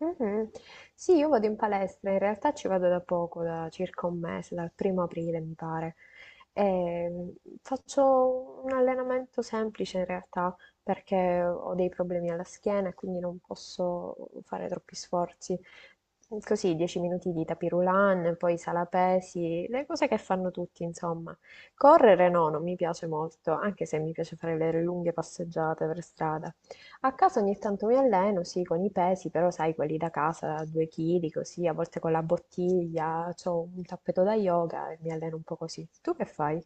Mhm. Sì, io vado in palestra, in realtà ci vado da poco, da circa un mese, dal primo aprile mi pare. E faccio un allenamento semplice in realtà perché ho dei problemi alla schiena e quindi non posso fare troppi sforzi. Così 10 minuti di tapirulan, poi sala pesi, le cose che fanno tutti, insomma. Correre no, non mi piace molto, anche se mi piace fare le lunghe passeggiate per strada. A casa ogni tanto mi alleno, sì, con i pesi, però sai, quelli da casa, 2 kg, così, a volte con la bottiglia, ho un tappeto da yoga e mi alleno un po' così. Tu che fai?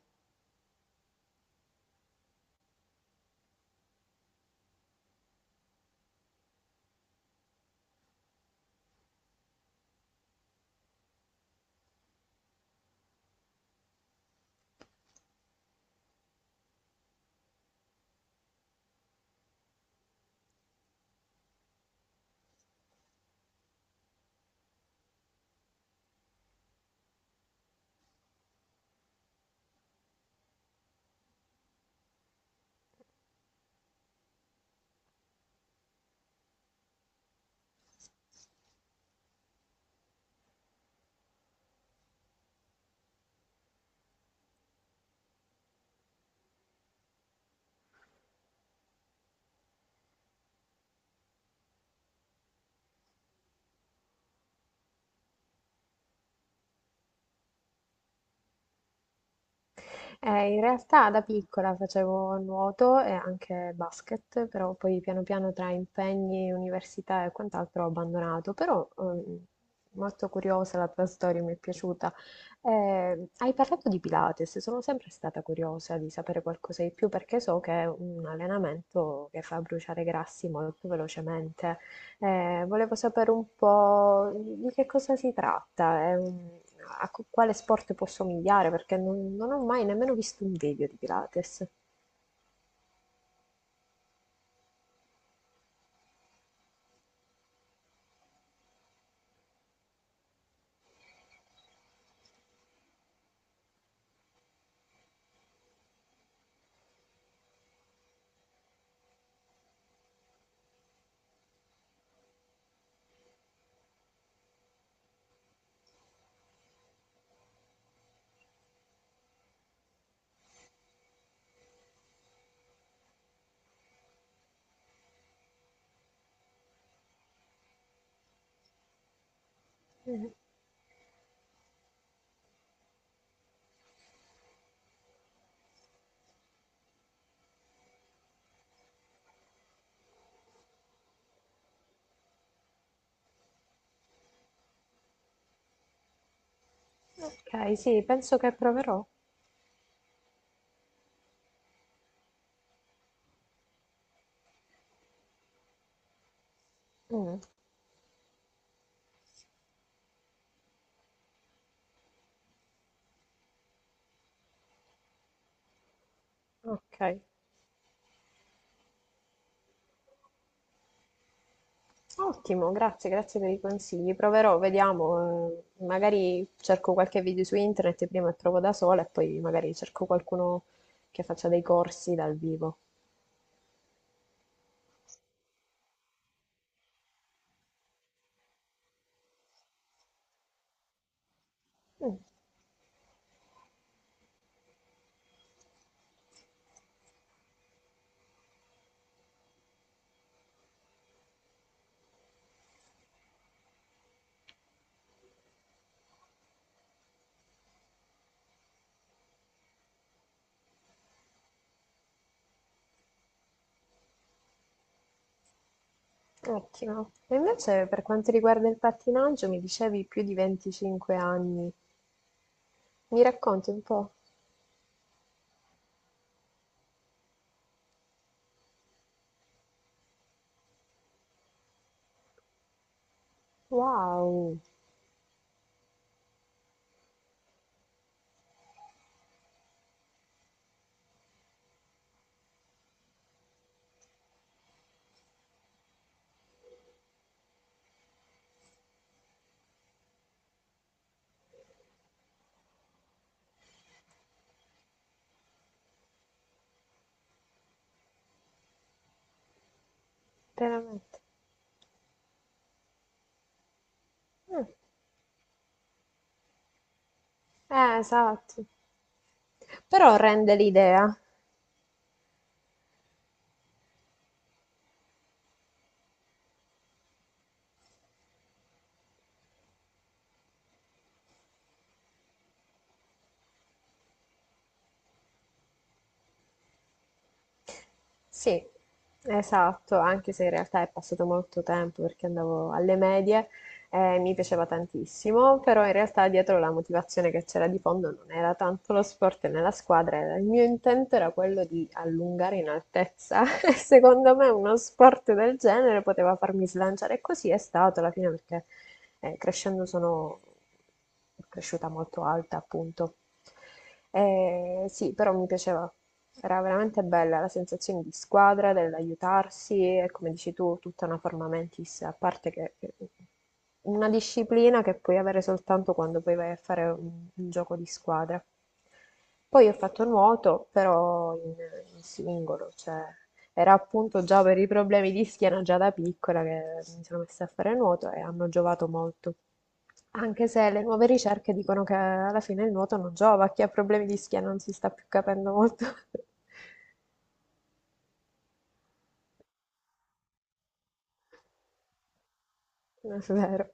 In realtà da piccola facevo nuoto e anche basket, però poi piano piano tra impegni, università e quant'altro ho abbandonato, però molto curiosa la tua storia, mi è piaciuta. Hai parlato di Pilates, sono sempre stata curiosa di sapere qualcosa di più perché so che è un allenamento che fa bruciare grassi molto velocemente, volevo sapere un po' di che cosa si tratta, quale sport può somigliare, perché non ho mai nemmeno visto un video di Pilates. Mm. Ok, sì, penso che proverò. Mm, ok, ottimo, grazie, grazie per i consigli. Proverò, vediamo, magari cerco qualche video su internet prima e provo da sola e poi magari cerco qualcuno che faccia dei corsi dal vivo. Mm. Ottimo. E invece per quanto riguarda il pattinaggio, mi dicevi più di 25 anni. Mi racconti un po'? Wow, veramente. Mm. Esatto. Però rende l'idea. Sì, esatto, anche se in realtà è passato molto tempo perché andavo alle medie e mi piaceva tantissimo, però in realtà dietro la motivazione che c'era di fondo non era tanto lo sport nella squadra, il mio intento era quello di allungare in altezza e secondo me uno sport del genere poteva farmi slanciare e così è stato alla fine perché crescendo sono cresciuta molto alta, appunto. Sì, però mi piaceva, era veramente bella la sensazione di squadra, dell'aiutarsi e come dici tu, tutta una forma mentis, a parte una disciplina che puoi avere soltanto quando poi vai a fare un gioco di squadra. Poi ho fatto nuoto, in singolo, cioè era appunto già per i problemi di schiena già da piccola che mi sono messa a fare nuoto e hanno giovato molto. Anche se le nuove ricerche dicono che alla fine il nuoto non giova, chi ha problemi di schiena non si sta più capendo molto. Non è vero.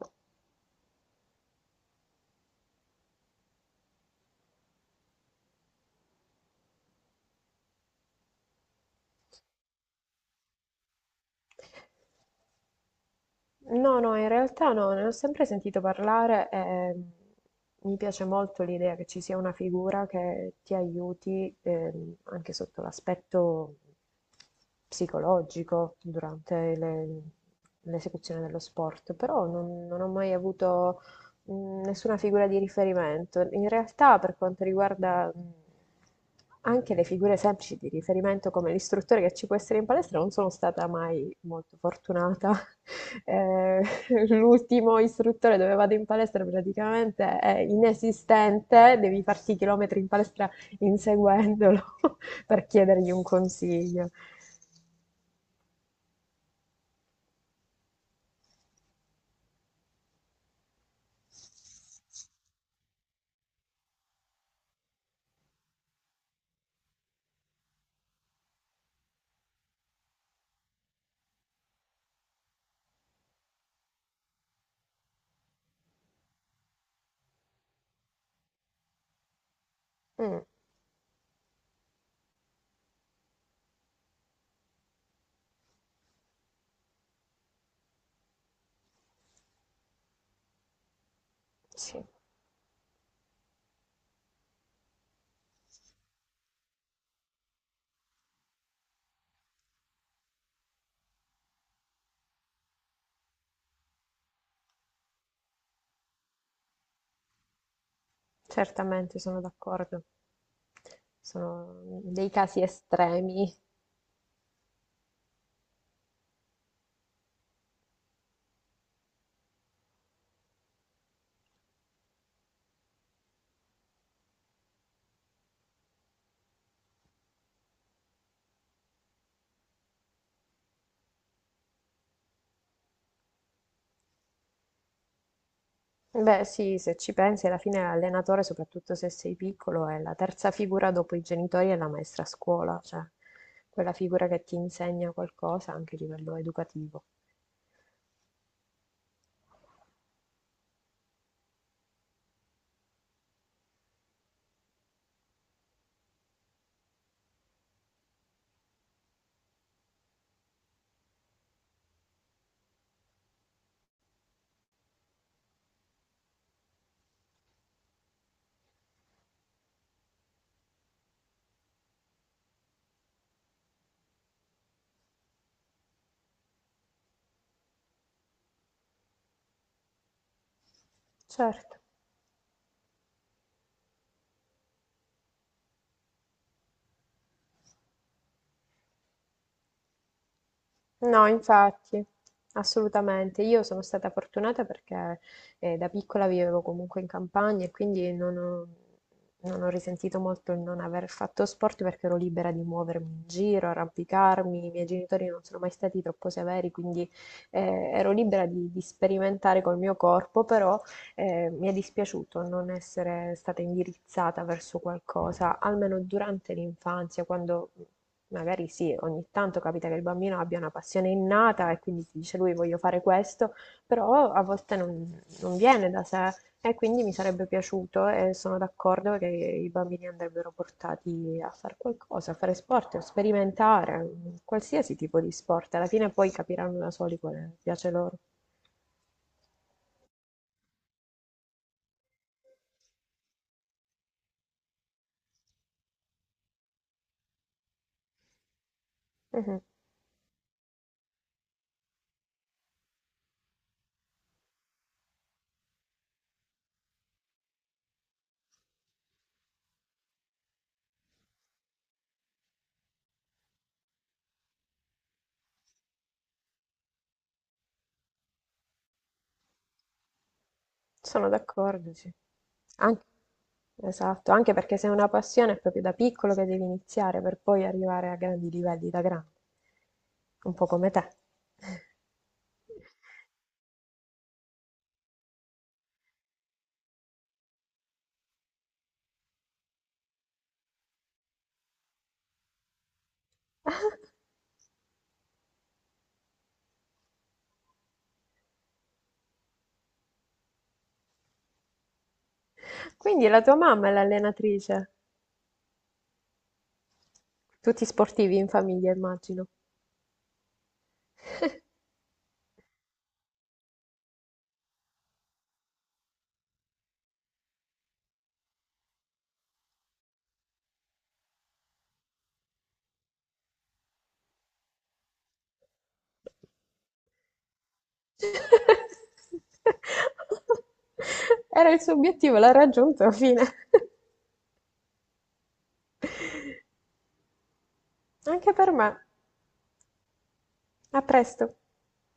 No, no, in realtà no, ne ho sempre sentito parlare e mi piace molto l'idea che ci sia una figura che ti aiuti, anche sotto l'aspetto psicologico durante l'esecuzione dello sport, però non ho mai avuto nessuna figura di riferimento. In realtà, per quanto riguarda anche le figure semplici di riferimento, come l'istruttore che ci può essere in palestra, non sono stata mai molto fortunata. Eh, l'ultimo istruttore dove vado in palestra praticamente è inesistente, devi farti chilometri in palestra inseguendolo per chiedergli un consiglio. Mm, sì, certamente sono d'accordo. Sono dei casi estremi. Beh, sì, se ci pensi, alla fine l'allenatore, soprattutto se sei piccolo, è la terza figura dopo i genitori e la maestra a scuola, cioè quella figura che ti insegna qualcosa anche a livello educativo. Certo. No, infatti, assolutamente. Io sono stata fortunata perché da piccola vivevo comunque in campagna e quindi non ho risentito molto il non aver fatto sport perché ero libera di muovermi in giro, arrampicarmi. I miei genitori non sono mai stati troppo severi, quindi ero libera di sperimentare col mio corpo, però mi è dispiaciuto non essere stata indirizzata verso qualcosa, almeno durante l'infanzia, quando magari sì, ogni tanto capita che il bambino abbia una passione innata e quindi si dice lui voglio fare questo, però a volte non viene da sé e quindi mi sarebbe piaciuto e sono d'accordo che i bambini andrebbero portati a fare qualcosa, a fare sport, a sperimentare, qualsiasi tipo di sport, alla fine poi capiranno da soli quale piace loro. Mhm. Sono d'accordo, sì. Anc- esatto, anche perché se è una passione è proprio da piccolo che devi iniziare per poi arrivare a grandi livelli da grande, un po' come te. Quindi la tua mamma è l'allenatrice. Tutti sportivi in famiglia, immagino. Era il suo obiettivo, l'ha raggiunto, fine. Anche per me. A presto.